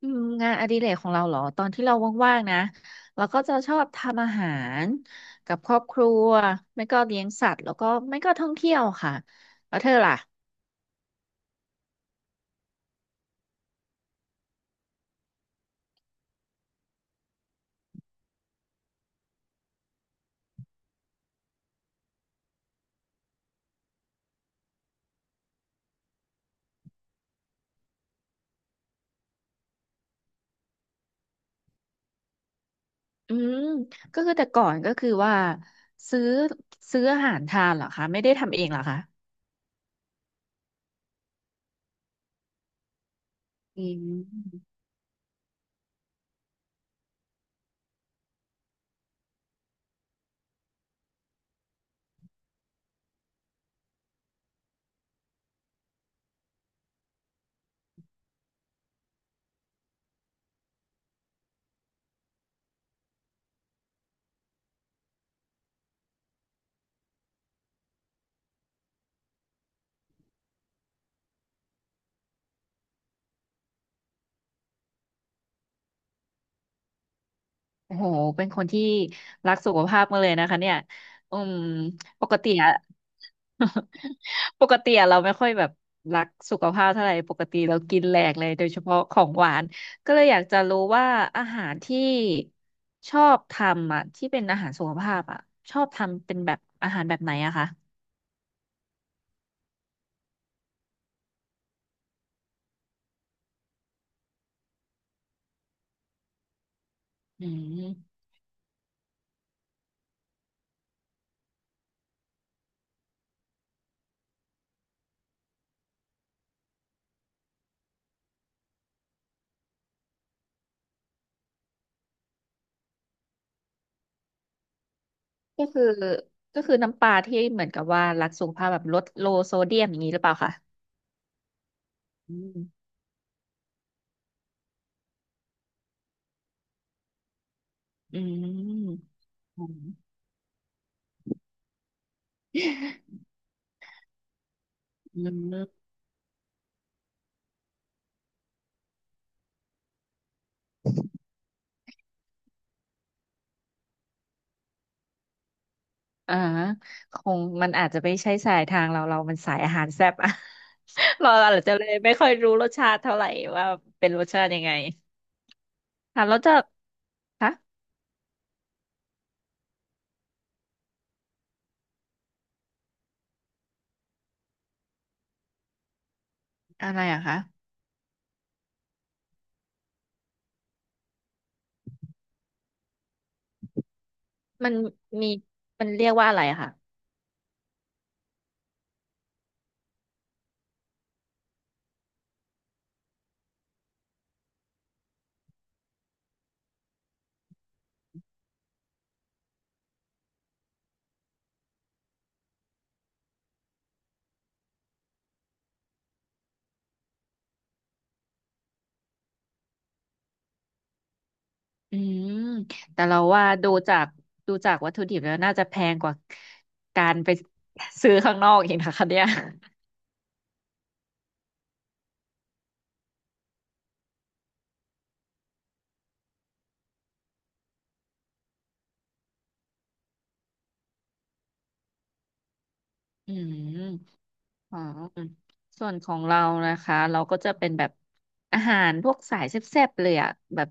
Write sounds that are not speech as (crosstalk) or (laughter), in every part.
อืมงานอดิเรกของเราเหรอตอนที่เราว่างๆนะเราก็จะชอบทำอาหารกับครอบครัวไม่ก็เลี้ยงสัตว์แล้วก็ไม่ก็ท่องเที่ยวค่ะแล้วเธอล่ะอืมก็คือแต่ก่อนก็คือว่าซื้อซื้ออาหารทานเหรอคะไม่ได้ทำเองเหรอคะอืม โอ้โหเป็นคนที่รักสุขภาพมากเลยนะคะเนี่ยอืมปกติอะ (laughs) ปกติอะเราไม่ค่อยแบบรักสุขภาพเท่าไหร่ปกติเรากินแหลกเลยโดยเฉพาะของหวานก็เลยอยากจะรู้ว่าอาหารที่ชอบทำอะที่เป็นอาหารสุขภาพอะชอบทำเป็นแบบอาหารแบบไหนอะคะอืมก็คือก็คือน้ำปลาที่เหมือนกับว่ารักสุขภาพแบบลดโลโซเดียมอย่างนี้หรือเปล่าคะอืมอืมอืม อืมอ่าคงมันอาจจะไม่ใช่สายทางเราเรามันสายอาหารแซ่บอะ (laughs) เราอาจจะเลยไม่ค่อยรู้รสชาติเท่าไหร่ว่าเป็นรสชาติยังไงค่ะแล้วจะคะอะไรอะคะ มันมีมันเรียกว่าอะไรอะค่ะอืม แต่เราว่าดูจากวัตถุดิบแล้วน่าจะแพงกว่าการไปซื้อข้างนอกอีกนะคะเนี่ยอืม อ๋อส่วนของเรานะคะเราก็จะเป็นแบบอาหารพวกสายแซ่บๆเลยอ่ะแบบ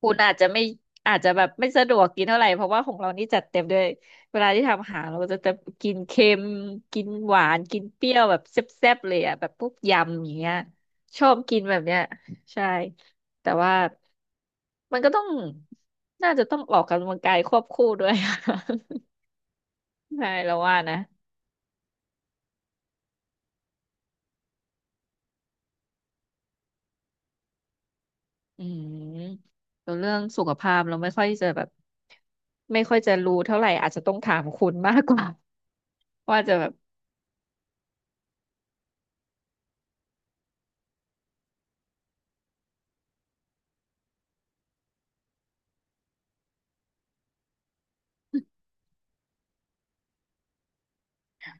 คุณอาจจะไม่อาจจะแบบไม่สะดวกกินเท่าไหร่เพราะว่าของเรานี่จัดเต็มด้วยเวลาที่ทำอาหารเราก็จะกินเค็มกินหวานกินเปรี้ยวแบบแซ่บๆเลยอ่ะแบบพวกยำอย่างเงี้ยชอบกินแบบเนี้ยใช่แต่ว่ามันก็ต้องน่าจะต้องออกกำลังกายควบคู่ด้วย (laughs) ใช่เราว่านะ อืมส่วนเรื่องสุขภาพเราไม่ค่อยจะแบบไม่ค่อยจะรู้เท่าไหร่อาจจะต้องถามคุณมากกว่า (laughs) ว่าจะแบบ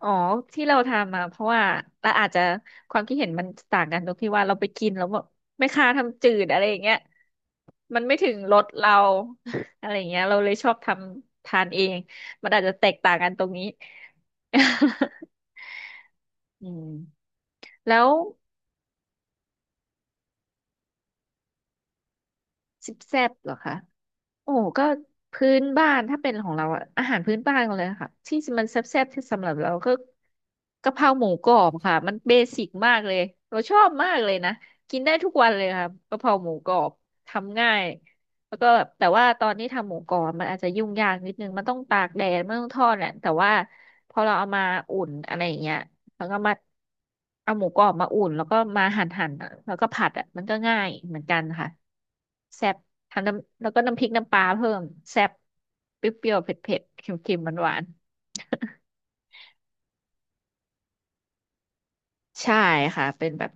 อ๋อที่เราทำมาเพราะว่าเราอาจจะความคิดเห็นมันต่างกันตรงที่ว่าเราไปกินแล้วแบบไม่ค่าทำจืดอะไรอย่างเงี้ยมันไม่ถึงรสเรา (laughs) อะไรอย่างเงี้ยเราเลยชอบทำทานเองมันอาจจะแตกต่างกันตรงนี้ (laughs) อืมแล้วสิบแซบเหรอคะ โอ้ก็พื้นบ้านถ้าเป็นของเราอะอาหารพื้นบ้านกันเลยค่ะที่มันแซ่บๆที่สำหรับเราก็กะเพราหมูกรอบค่ะมันเบสิกมากเลยเราชอบมากเลยนะกินได้ทุกวันเลยค่ะกะเพราหมูกรอบทำง่ายแล้วก็แบบแต่ว่าตอนที่ทำหมูกรอบมันอาจจะยุ่งยากนิดนึงมันต้องตากแดดมันต้องทอดแหละแต่ว่าพอเราเอามาอุ่นอะไรอย่างเงี้ย แล้วก็มาเอาหมูกรอบมาอุ่นแล้วก็มาหั่นหั่นแล้วก็ผัดอ่ะมันก็ง่ายเหมือนกันค่ะแซ่บทำน้ำแล้วก็น้ำพริกน้ำปลาเพิ่มแซ่บเปรี้ยวๆเผ็ดๆเค็มๆหวาน ใช่ค่ะเป็นแบบ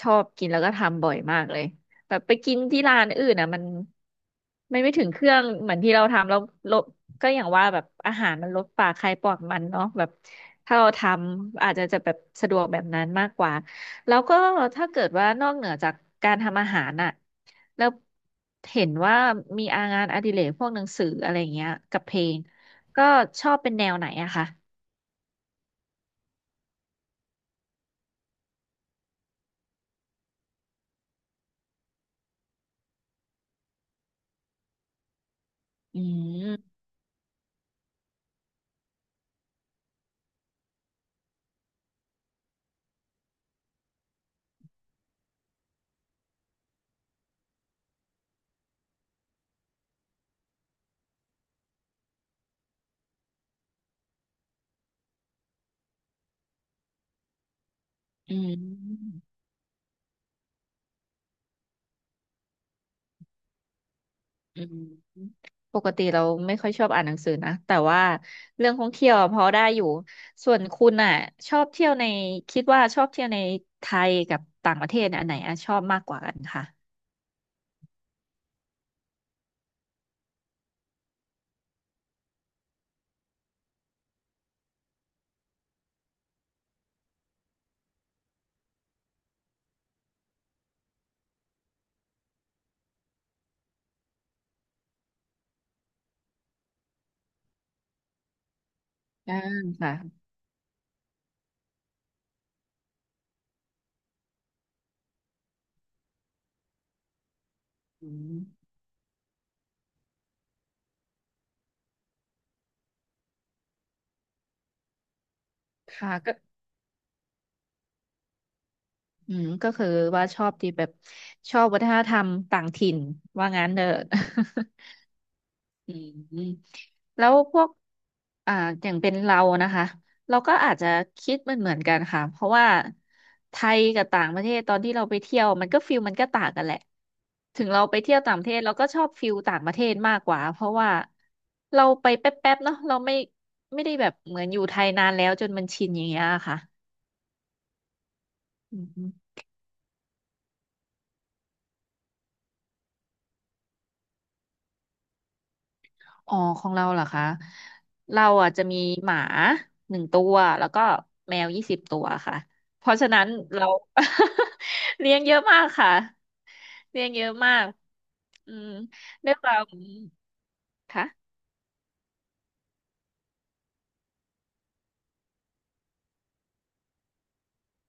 ชอบกินแล้วก็ทำบ่อยมากเลยแบบไปกินที่ร้านอื่นอ่ะมันมันไม่ถึงเครื่องเหมือนที่เราทำแล้วลบก็อย่างว่าแบบอาหารมันลดปากใครปากมันเนาะแบบถ้าเราทำอาจจะจะแบบสะดวกแบบนั้นมากกว่าแล้วก็ถ้าเกิดว่านอกเหนือจากการทำอาหารอ่ะแล้วเห็นว่ามีอางานอดิเรกพวกหนังสืออะไร่เงี้ยกับเพลงก็ชอบเป็นแนวไหนอะคะอืมอืม อืมปกติเราไม่ค่อยชอบอ่านหนังสือนะแต่ว่าเรื่องท่องเที่ยวอะพอได้อยู่ส่วนคุณอ่ะชอบเที่ยวในคิดว่าชอบเที่ยวในไทยกับต่างประเทศเนี่ยอันไหนอะชอบมากกว่ากันค่ะอ่าค่ะอืมค่ะก็อืมก็คือว่าชอบที่แบบชอบวัฒนธรรมต่างถิ่นว่างั้นเด้อ อืมแล้วพวกอ่าอย่างเป็นเรานะคะ เราก็อาจจะคิดมันเหมือนกันค่ะเพราะว่าไทยกับต่างประเทศตอนที่เราไปเที่ยวมันก็ฟิลมันก็ต่างกันแหละถึงเราไปเที่ยวต่างประเทศเราก็ชอบฟิลต่างประเทศมากกว่าเพราะว่าเราไปแป๊บๆเนาะเราไม่ไม่ได้แบบเหมือนอยู่ไทยนานแล้วจนมันชินอย่างเงี้ยค่ะอืม อ๋อของเราเหรอคะเราอ่ะจะมีหมา1 ตัวแล้วก็แมว20 ตัวค่ะเพราะฉะนั้นเรา (laughs) เลี้ยงเยอะมากค่ะเลี้ยงเยอะมากอืมด้วยความค่ะ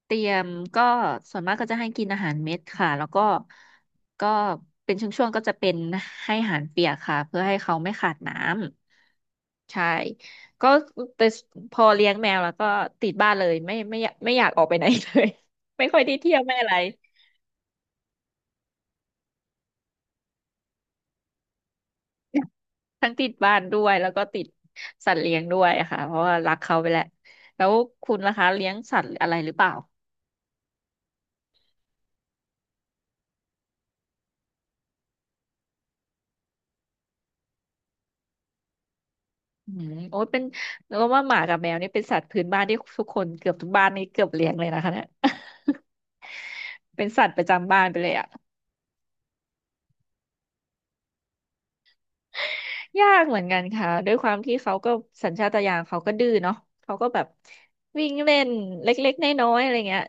เตรียมก็ส่วนมากก็จะให้กินอาหารเม็ดค่ะแล้วก็ก็เป็นช่วงๆก็จะเป็นให้อาหารเปียกค่ะเพื่อให้เขาไม่ขาดน้ำ ใช่ก็แต่พอเลี้ยงแมวแล้วก็ติดบ้านเลยไม่อยากไม่อยากออกไปไหนเลย (laughs) ไม่ค่อยได้เที่ยวไม่อะไรทั้งติดบ้านด้วยแล้วก็ติดสัตว์เลี้ยงด้วยค่ะเพราะว่ารักเขาไปแหล้วแล้วคุณล่ะคะเลี้ยงสัตว์อะไรหรือเปล่าอืมโอ้ยเป็นเราว่าหมากับแมวนี่เป็นสัตว์พื้นบ้านที่ทุกคนเกือบทุกบ้านนี่เกือบเลี้ยงเลยนะคะเนี่ย (laughs) เป็นสัตว์ประจำบ้านไปเลยอ่ะ ยากเหมือนกันค่ะด้วยความที่เขาก็สัญชาตญาณเขาก็ดื้อเนาะเขาก็แบบวิ่งเล่นเล็กๆน้อยๆอะไรเงี้ย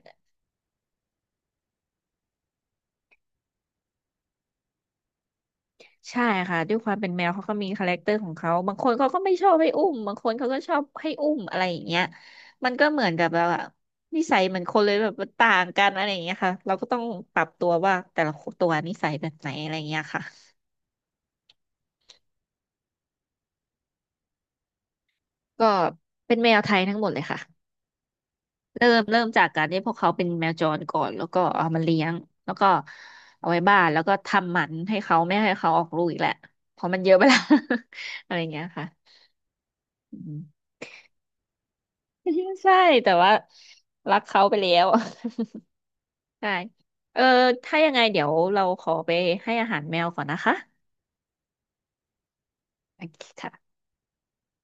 ใช่ค่ะด้วยความเป็นแมวเขาก็มีคาแรคเตอร์ของเขาบางคนเขาก็ไม่ชอบให้อุ้มบางคนเขาก็ชอบให้อุ้มอะไรอย่างเงี้ยมันก็เหมือนกับแบบว่านิสัยเหมือนคนเลยแบบมันต่างกันอะไรอย่างเงี้ยค่ะเราก็ต้องปรับตัวว่าแต่ละตัวนิสัยแบบไหนอะไรอย่างเงี้ยค่ะก็เป็นแมวไทยทั้งหมดเลยค่ะ เริ่มจากการที่พวกเขาเป็นแมวจรก่อนแล้วก็เอามาเลี้ยงแล้วก็เอาไว้บ้านแล้วก็ทำหมันให้เขาไม่ให้เขาออกลูกอีกแหละเพราะมันเยอะไปแล้ว (laughs) อะไรอย่างเงี้ยค่ะอืม (laughs) ใช่แต่ว่ารักเขาไปแล้ว (laughs) ใช่เออถ้ายังไงเดี๋ยวเราขอไปให้อาหารแมวก่อนนะคะโอเคค่ะ